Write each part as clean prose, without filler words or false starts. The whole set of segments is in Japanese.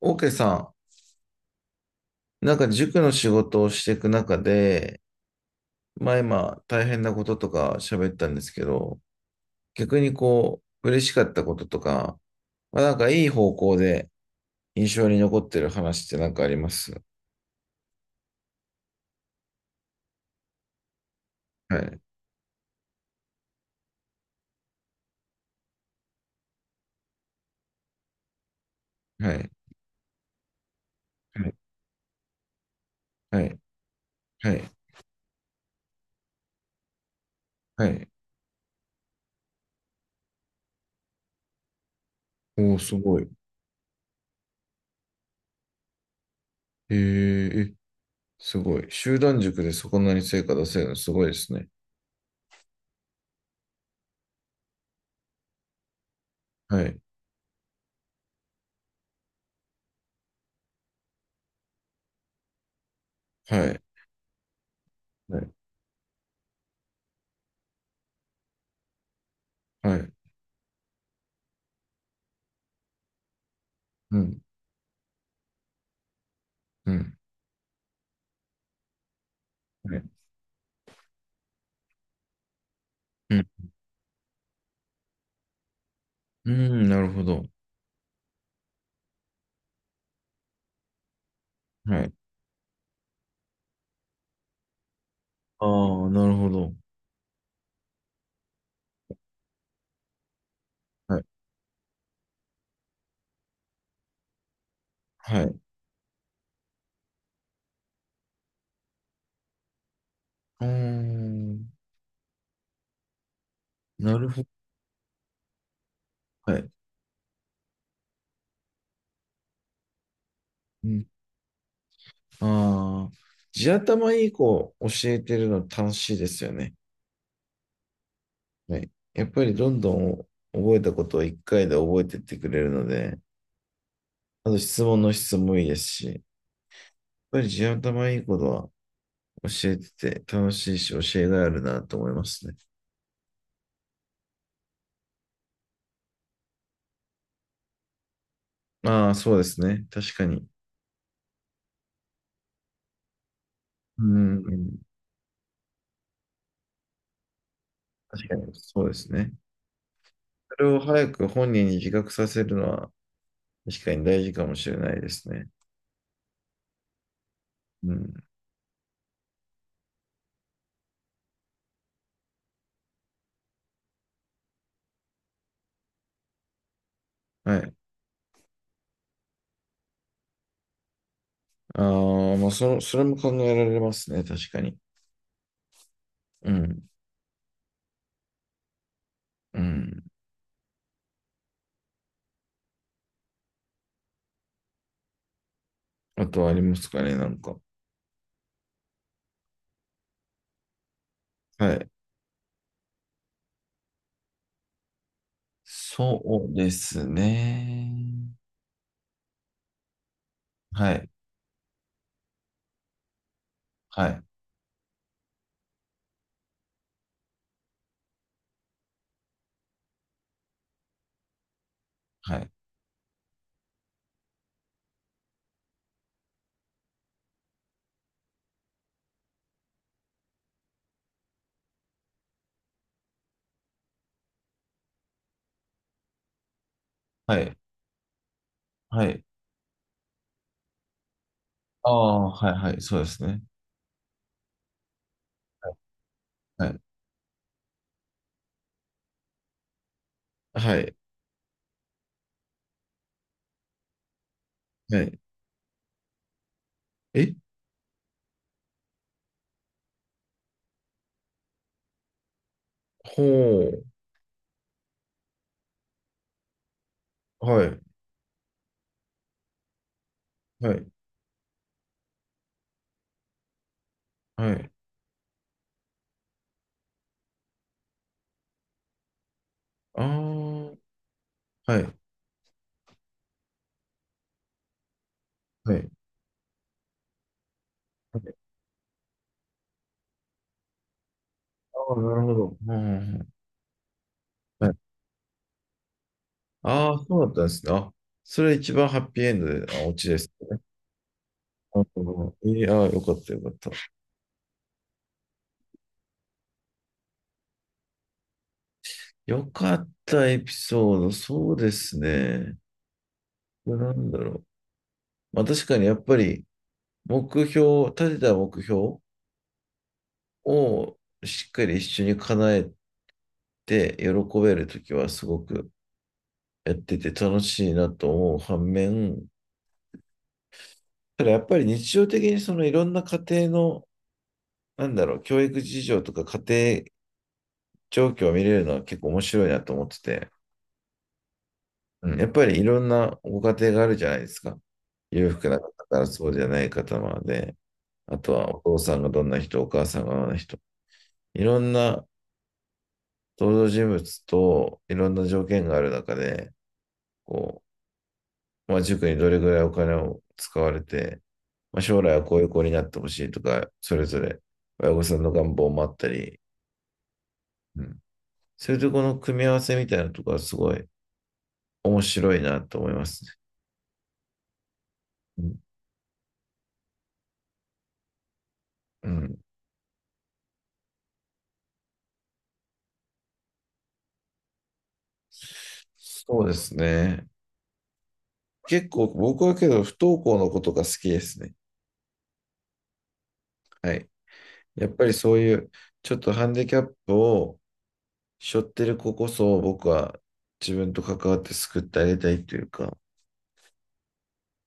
オーケーさん、なんか塾の仕事をしていく中で、まあ今大変なこととか喋ったんですけど、逆にこう、嬉しかったこととか、まあなんかいい方向で印象に残ってる話ってなんかありますはい、はい、はい、はい、はい、はい。おー、すごい。えー、えすごい。集団塾でそこなに成果出せるのすごいですね。はい、はい、はい、はい、うん、うん、はい、うん、うん、なるほど。はい。ああ、なるほど。はい。はい。うーん。なるほど。はい。うん。ああ。地頭いい子を教えてるの楽しいですよね。はい。やっぱりどんどん覚えたことを一回で覚えてってくれるので、あと質問の質もいいですし、やっぱり地頭いい子は教えてて楽しいし教えがあるなと思いますね。ああ、そうですね。確かに。うん。うん確かに。そうですね。それを早く本人に自覚させるのは確かに大事かもしれないですね。うん。はい。ああ、まあ、その、それも考えられますね。確かに。うん。うん。あとはありますかね、なんか。はい。そうですね。はい。はい。はい。はい。はい。ああ、はい。はい。そうですね。はい。はい。はい。えほう。はい。はい。はい。ああ、はい。はい。はい。ああ、なるほど。うんうんうんはい。ああ、そうだったんですね。あ、それ一番ハッピーエンドで、あ、オチです。ああえー、あーよかったよかった。よかったエピソード、そうですね。これなんだろう。まあ確かにやっぱり目標、立てた目標をしっかり一緒に叶えて喜べるときはすごくやってて楽しいなと思う反面、ただやっぱり日常的にそのいろんな家庭の、なんだろう、教育事情とか家庭状況を見れるのは結構面白いなと思ってて、うん、やっぱりいろんなご家庭があるじゃないですか。裕福な方からそうじゃない方まで、あとはお父さんがどんな人、お母さんがどんな人、いろんな登場人物といろんな条件がある中で、こう、まあ、塾にどれぐらいお金を使われて、まあ、将来はこういう子になってほしいとか、それぞれ親御さんの願望もあったり、うん、そういうとこの組み合わせみたいなところはすごい面白いなと思いますね。うん、うん、そうですね。結構僕はけど不登校の子とか好きですね。はい。やっぱりそういうちょっとハンディキャップを背負ってる子こそ僕は自分と関わって救ってあげたいというか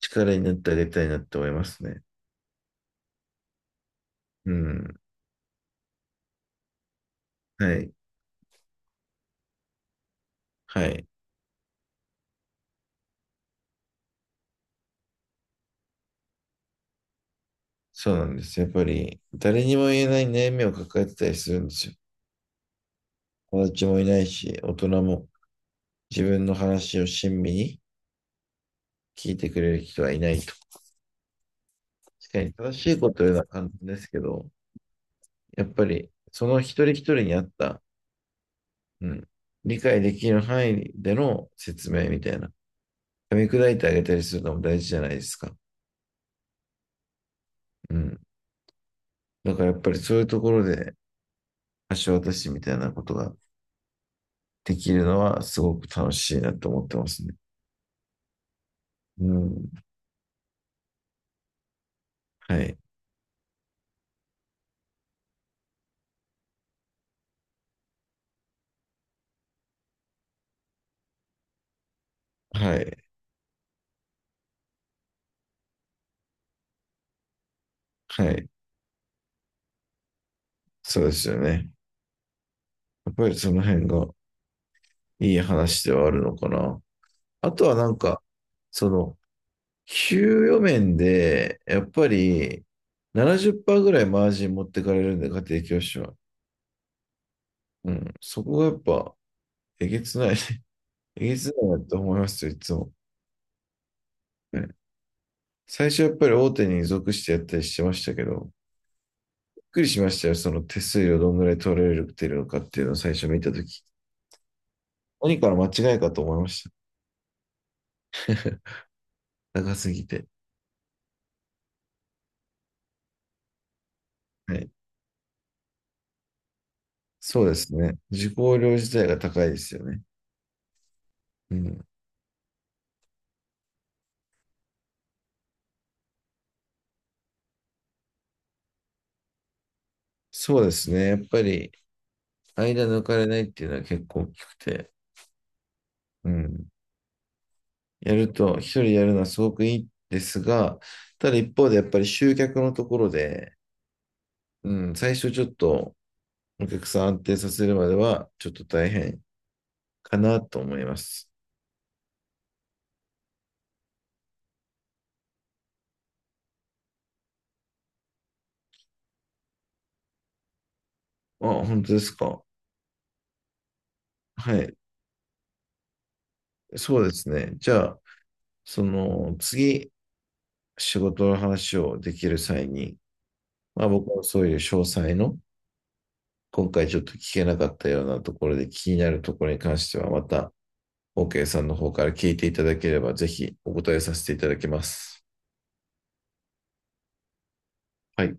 力になってあげたいなって思いますね。うん。はい。はい。そうなんです。やっぱり誰にも言えない悩みを抱えてたりするんですよ。友達もいないし、大人も自分の話を親身に聞いてくれる人はいないと。確かに正しいこと言うのは簡単ですけど、やっぱりその一人一人に合ったうん、理解できる範囲での説明みたいな。噛み砕いてあげたりするのも大事じゃないですか。うん。だからやっぱりそういうところで橋渡しみたいなことができるのはすごく楽しいなと思ってますね。うん。はい。はい。はい。そうですよね。やっぱりその辺がいい話ではあるのかな。あとはその、給与面で、やっぱり70%ぐらいマージン持ってかれるんで、家庭教師は。うん。そこがやっぱ、えげつないね。えげつないなって思いますよ、いつも。ね最初やっぱり大手に属してやったりしてましたけど、びっくりしましたよ、その手数料どんぐらい取れてるのかっていうのを最初見たとき。何から間違いかと思いました。高すぎて。はい。そうですね。受講料自体が高いですよね。うん。そうですね。やっぱり、間抜かれないっていうのは結構大きくて。うん。やると、一人やるのはすごくいいですが、ただ一方でやっぱり集客のところで、うん、最初ちょっとお客さん安定させるまではちょっと大変かなと思います。あ、本当ですか。はい。そうですね。じゃあ、その次、仕事の話をできる際に、まあ僕はそういう詳細の、今回ちょっと聞けなかったようなところで気になるところに関しては、また OK さんの方から聞いていただければ、ぜひお答えさせていただきます。はい。